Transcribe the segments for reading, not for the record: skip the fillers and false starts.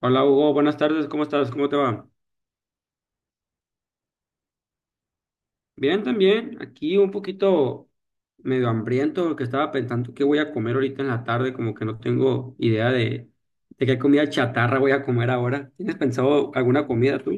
Hola Hugo, buenas tardes, ¿cómo estás? ¿Cómo te va? Bien, también. Aquí un poquito medio hambriento porque estaba pensando qué voy a comer ahorita en la tarde, como que no tengo idea de qué comida chatarra voy a comer ahora. ¿Tienes pensado alguna comida tú?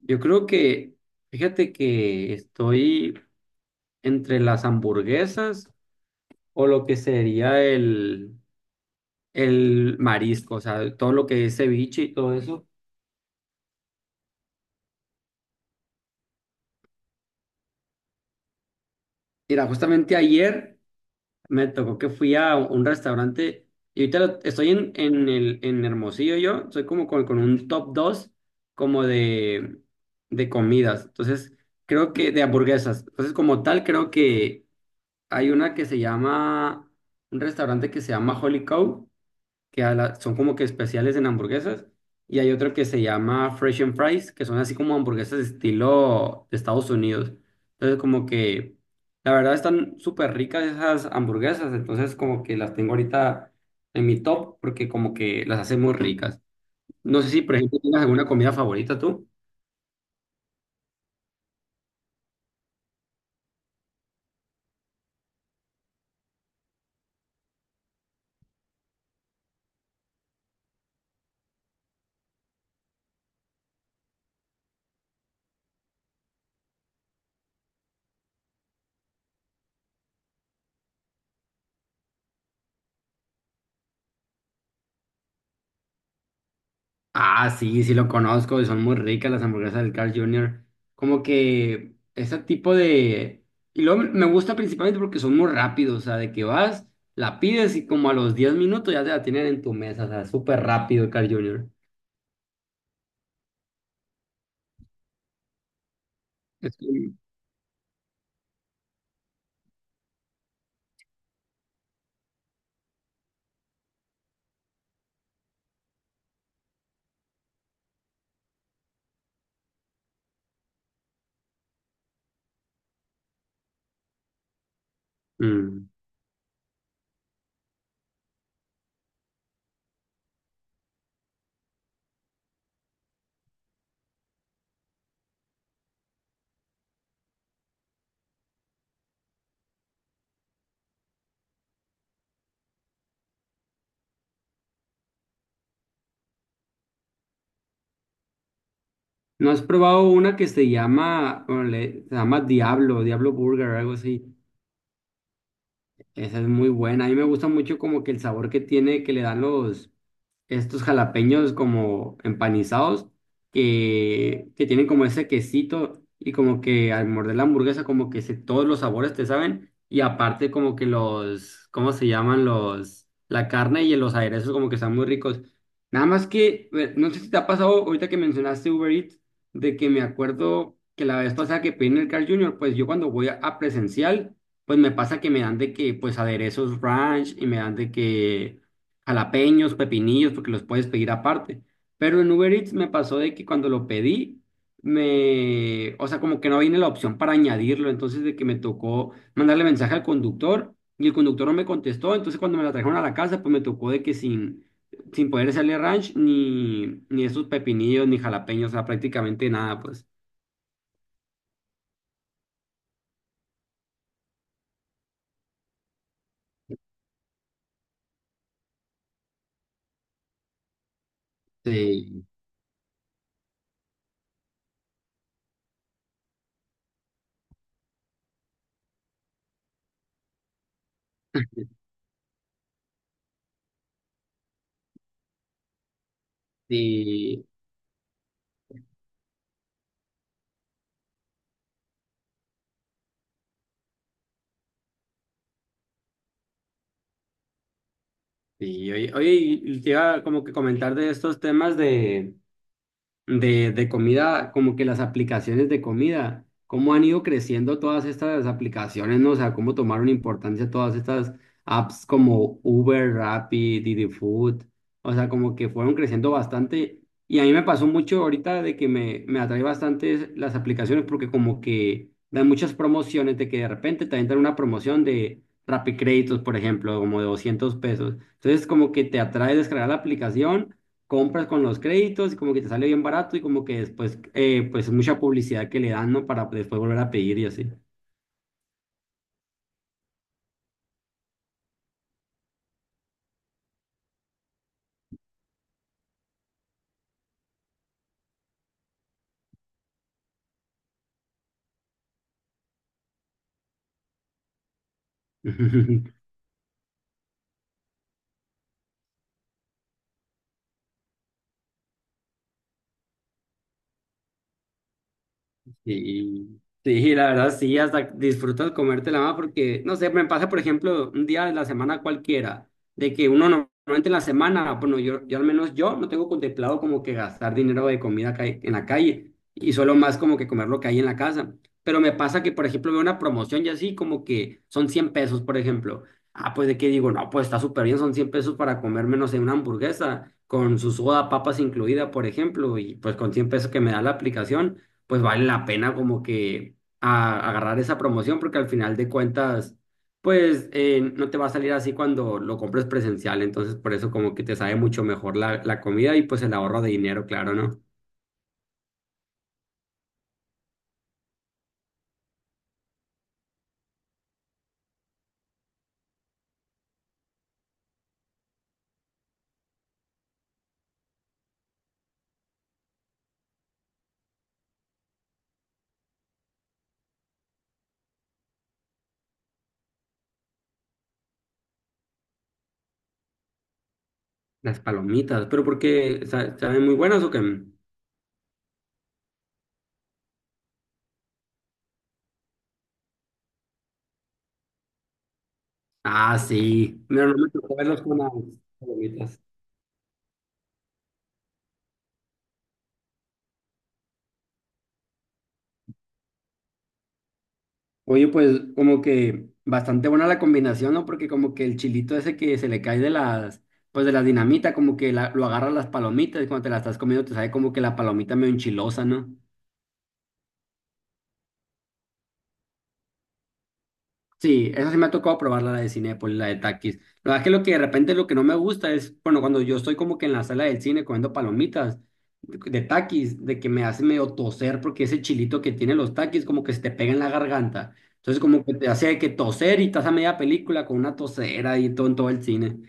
Yo creo que, fíjate que estoy entre las hamburguesas o lo que sería el marisco, o sea, todo lo que es ceviche y todo eso. Mira, justamente ayer. Me tocó que fui a un restaurante y ahorita estoy en Hermosillo yo, soy como con un top 2 como de comidas, entonces creo que de hamburguesas, entonces como tal creo que hay una que se llama, un restaurante que se llama Holy Cow que son como que especiales en hamburguesas, y hay otro que se llama Fresh and Fries, que son así como hamburguesas estilo de Estados Unidos. Entonces como que, la verdad están súper ricas esas hamburguesas, entonces como que las tengo ahorita en mi top porque como que las hace muy ricas. No sé si, por ejemplo, tienes alguna comida favorita tú. Ah, sí, sí lo conozco, y son muy ricas las hamburguesas del Carl Jr. Como que ese tipo de... Y luego me gusta principalmente porque son muy rápidos, o sea, de que vas, la pides y como a los 10 minutos ya te la tienen en tu mesa, o sea, súper rápido el Carl Jr. Es que... Mm. ¿No has probado una que se llama, bueno, se llama Diablo, Diablo Burger, algo así? Esa es muy buena, a mí me gusta mucho como que el sabor que tiene, que le dan los... estos jalapeños como empanizados que tienen como ese quesito y como que al morder la hamburguesa como que se, todos los sabores te saben y aparte como que los, ¿cómo se llaman los? La carne y los aderezos como que están muy ricos. Nada más que, no sé si te ha pasado ahorita que mencionaste Uber Eats, de que me acuerdo que la vez pasada que pedí en el Carl Jr., pues yo cuando voy a presencial, pues me pasa que me dan de que pues aderezos ranch y me dan de que jalapeños, pepinillos, porque los puedes pedir aparte. Pero en Uber Eats me pasó de que cuando lo pedí, me, o sea, como que no viene la opción para añadirlo, entonces de que me tocó mandarle mensaje al conductor y el conductor no me contestó, entonces cuando me la trajeron a la casa, pues me tocó de que sin poder hacerle ranch ni esos pepinillos ni jalapeños, o sea, prácticamente nada, pues. Sí, sí, sí. Oye, oye, y te iba como que comentar de estos temas de de comida, como que las aplicaciones de comida, cómo han ido creciendo todas estas aplicaciones, ¿no? O sea, cómo tomaron importancia todas estas apps como Uber, Rappi, Didi Food, o sea, como que fueron creciendo bastante. Y a mí me pasó mucho ahorita de que me atrae bastante las aplicaciones porque como que dan muchas promociones de que de repente te dan una promoción de Rappi Créditos, por ejemplo, como de 200 pesos. Entonces como que te atrae descargar la aplicación, compras con los créditos y como que te sale bien barato y como que después, pues mucha publicidad que le dan, ¿no? Para después volver a pedir y así. Sí, sí, la verdad sí, hasta disfrutas comértela más porque, no sé, me pasa, por ejemplo, un día de la semana cualquiera, de que uno no- normalmente en la semana, ah, bueno, yo al menos yo no tengo contemplado como que gastar dinero de comida acá en la calle y solo más como que comer lo que hay en la casa. Pero me pasa que, por ejemplo, veo una promoción y así como que son 100 pesos, por ejemplo. Ah, pues de qué digo, no, pues está súper bien, son 100 pesos para comerme, no sé, una hamburguesa con su soda, papas incluida, por ejemplo, y pues con 100 pesos que me da la aplicación pues vale la pena como que agarrar esa promoción porque al final de cuentas, pues no te va a salir así cuando lo compres presencial, entonces por eso como que te sabe mucho mejor la comida y pues el ahorro de dinero, claro, ¿no? Las palomitas, pero ¿porque saben muy buenas o qué? Ah, sí, pero no me tocó verlos con las palomitas. Oye, pues como que bastante buena la combinación, ¿no? Porque como que el chilito ese que se le cae de las, pues de la dinamita, como que lo agarra las palomitas y cuando te la estás comiendo te sabe como que la palomita medio enchilosa, ¿no? Sí, esa sí me ha tocado probarla, la de Cinépolis, la de Takis. La verdad es que lo que de repente lo que no me gusta es, bueno, cuando yo estoy como que en la sala del cine comiendo palomitas de Takis, de que me hace medio toser porque ese chilito que tiene los Takis como que se te pega en la garganta. Entonces como que te hace que toser y estás a media película con una tosera y todo en todo el cine.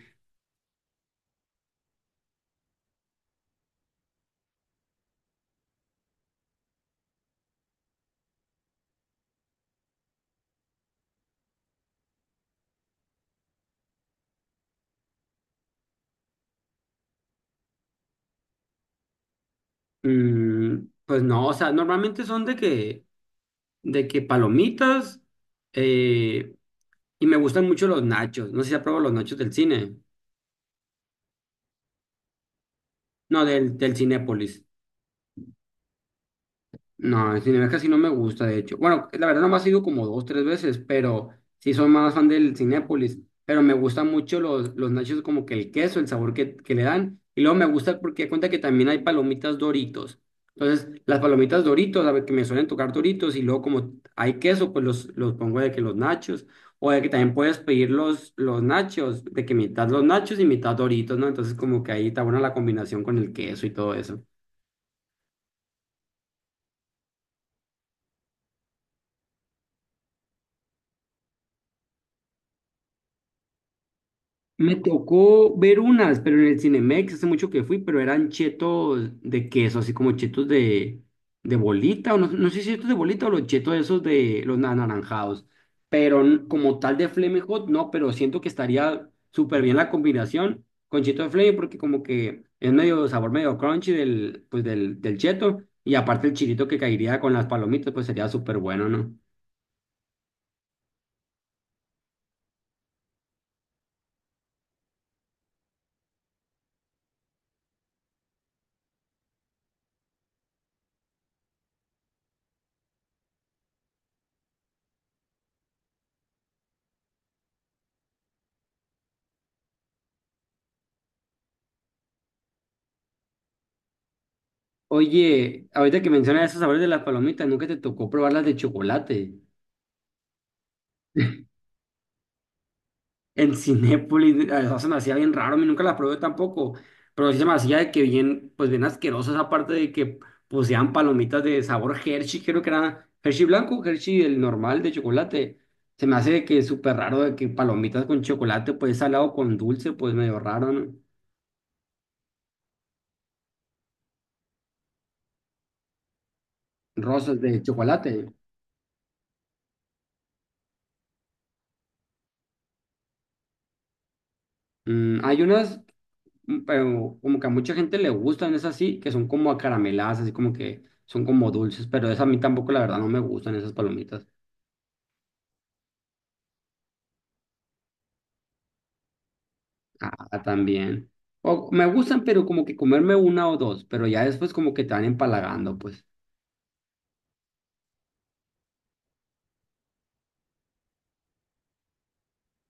Mm, pues no, o sea, normalmente son de que palomitas eh, y me gustan mucho los nachos. No sé si apruebo los nachos del cine. No, del Cinépolis. No, el cine casi no me gusta, de hecho. Bueno, la verdad nomás he ido como dos, tres veces, pero sí soy más fan del Cinépolis. Pero me gustan mucho los nachos, como que el queso, el sabor que le dan. Y luego me gusta porque cuenta que también hay palomitas Doritos. Entonces, las palomitas Doritos, a ver, que me suelen tocar Doritos, y luego como hay queso, pues los pongo de que los nachos. O de que también puedes pedir los nachos, de que mitad los nachos y mitad Doritos, ¿no? Entonces, como que ahí está buena la combinación con el queso y todo eso. Me tocó ver unas, pero en el Cinemex hace mucho que fui, pero eran chetos de queso, así como chetos de bolita, o no, no sé si chetos de bolita o los chetos esos de los anaranjados, pero como tal de Flaming Hot, no, pero siento que estaría súper bien la combinación con cheto de Flaming porque como que es medio sabor medio crunchy del, pues del cheto y aparte el chilito que caería con las palomitas, pues sería súper bueno, ¿no? Oye, ahorita que mencionas esos sabores de las palomitas, ¿nunca te tocó probar las de chocolate? En Cinépolis, a veces se me hacía bien raro, a mí nunca la probé tampoco, pero sí se me hacía de que bien, pues bien asquerosa esa parte de que poseían palomitas de sabor Hershey, creo que era Hershey blanco, Hershey el normal de chocolate. Se me hace de que súper raro de que palomitas con chocolate, pues salado con dulce, pues medio raro, ¿no? Rosas de chocolate. Mm, hay unas, mm, pero como que a mucha gente le gustan, es así, que son como acarameladas, así como que son como dulces, pero esa a mí tampoco, la verdad, no me gustan esas palomitas. Ah, también. O, me gustan, pero como que comerme una o dos, pero ya después como que te van empalagando, pues.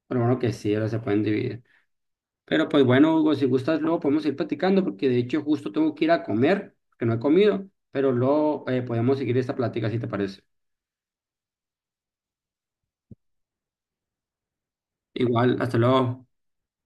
Pero bueno que sí, ahora se pueden dividir. Pero pues bueno, Hugo, si gustas, luego podemos ir platicando, porque de hecho justo tengo que ir a comer, que no he comido, pero luego podemos seguir esta plática si te parece. Igual, hasta luego.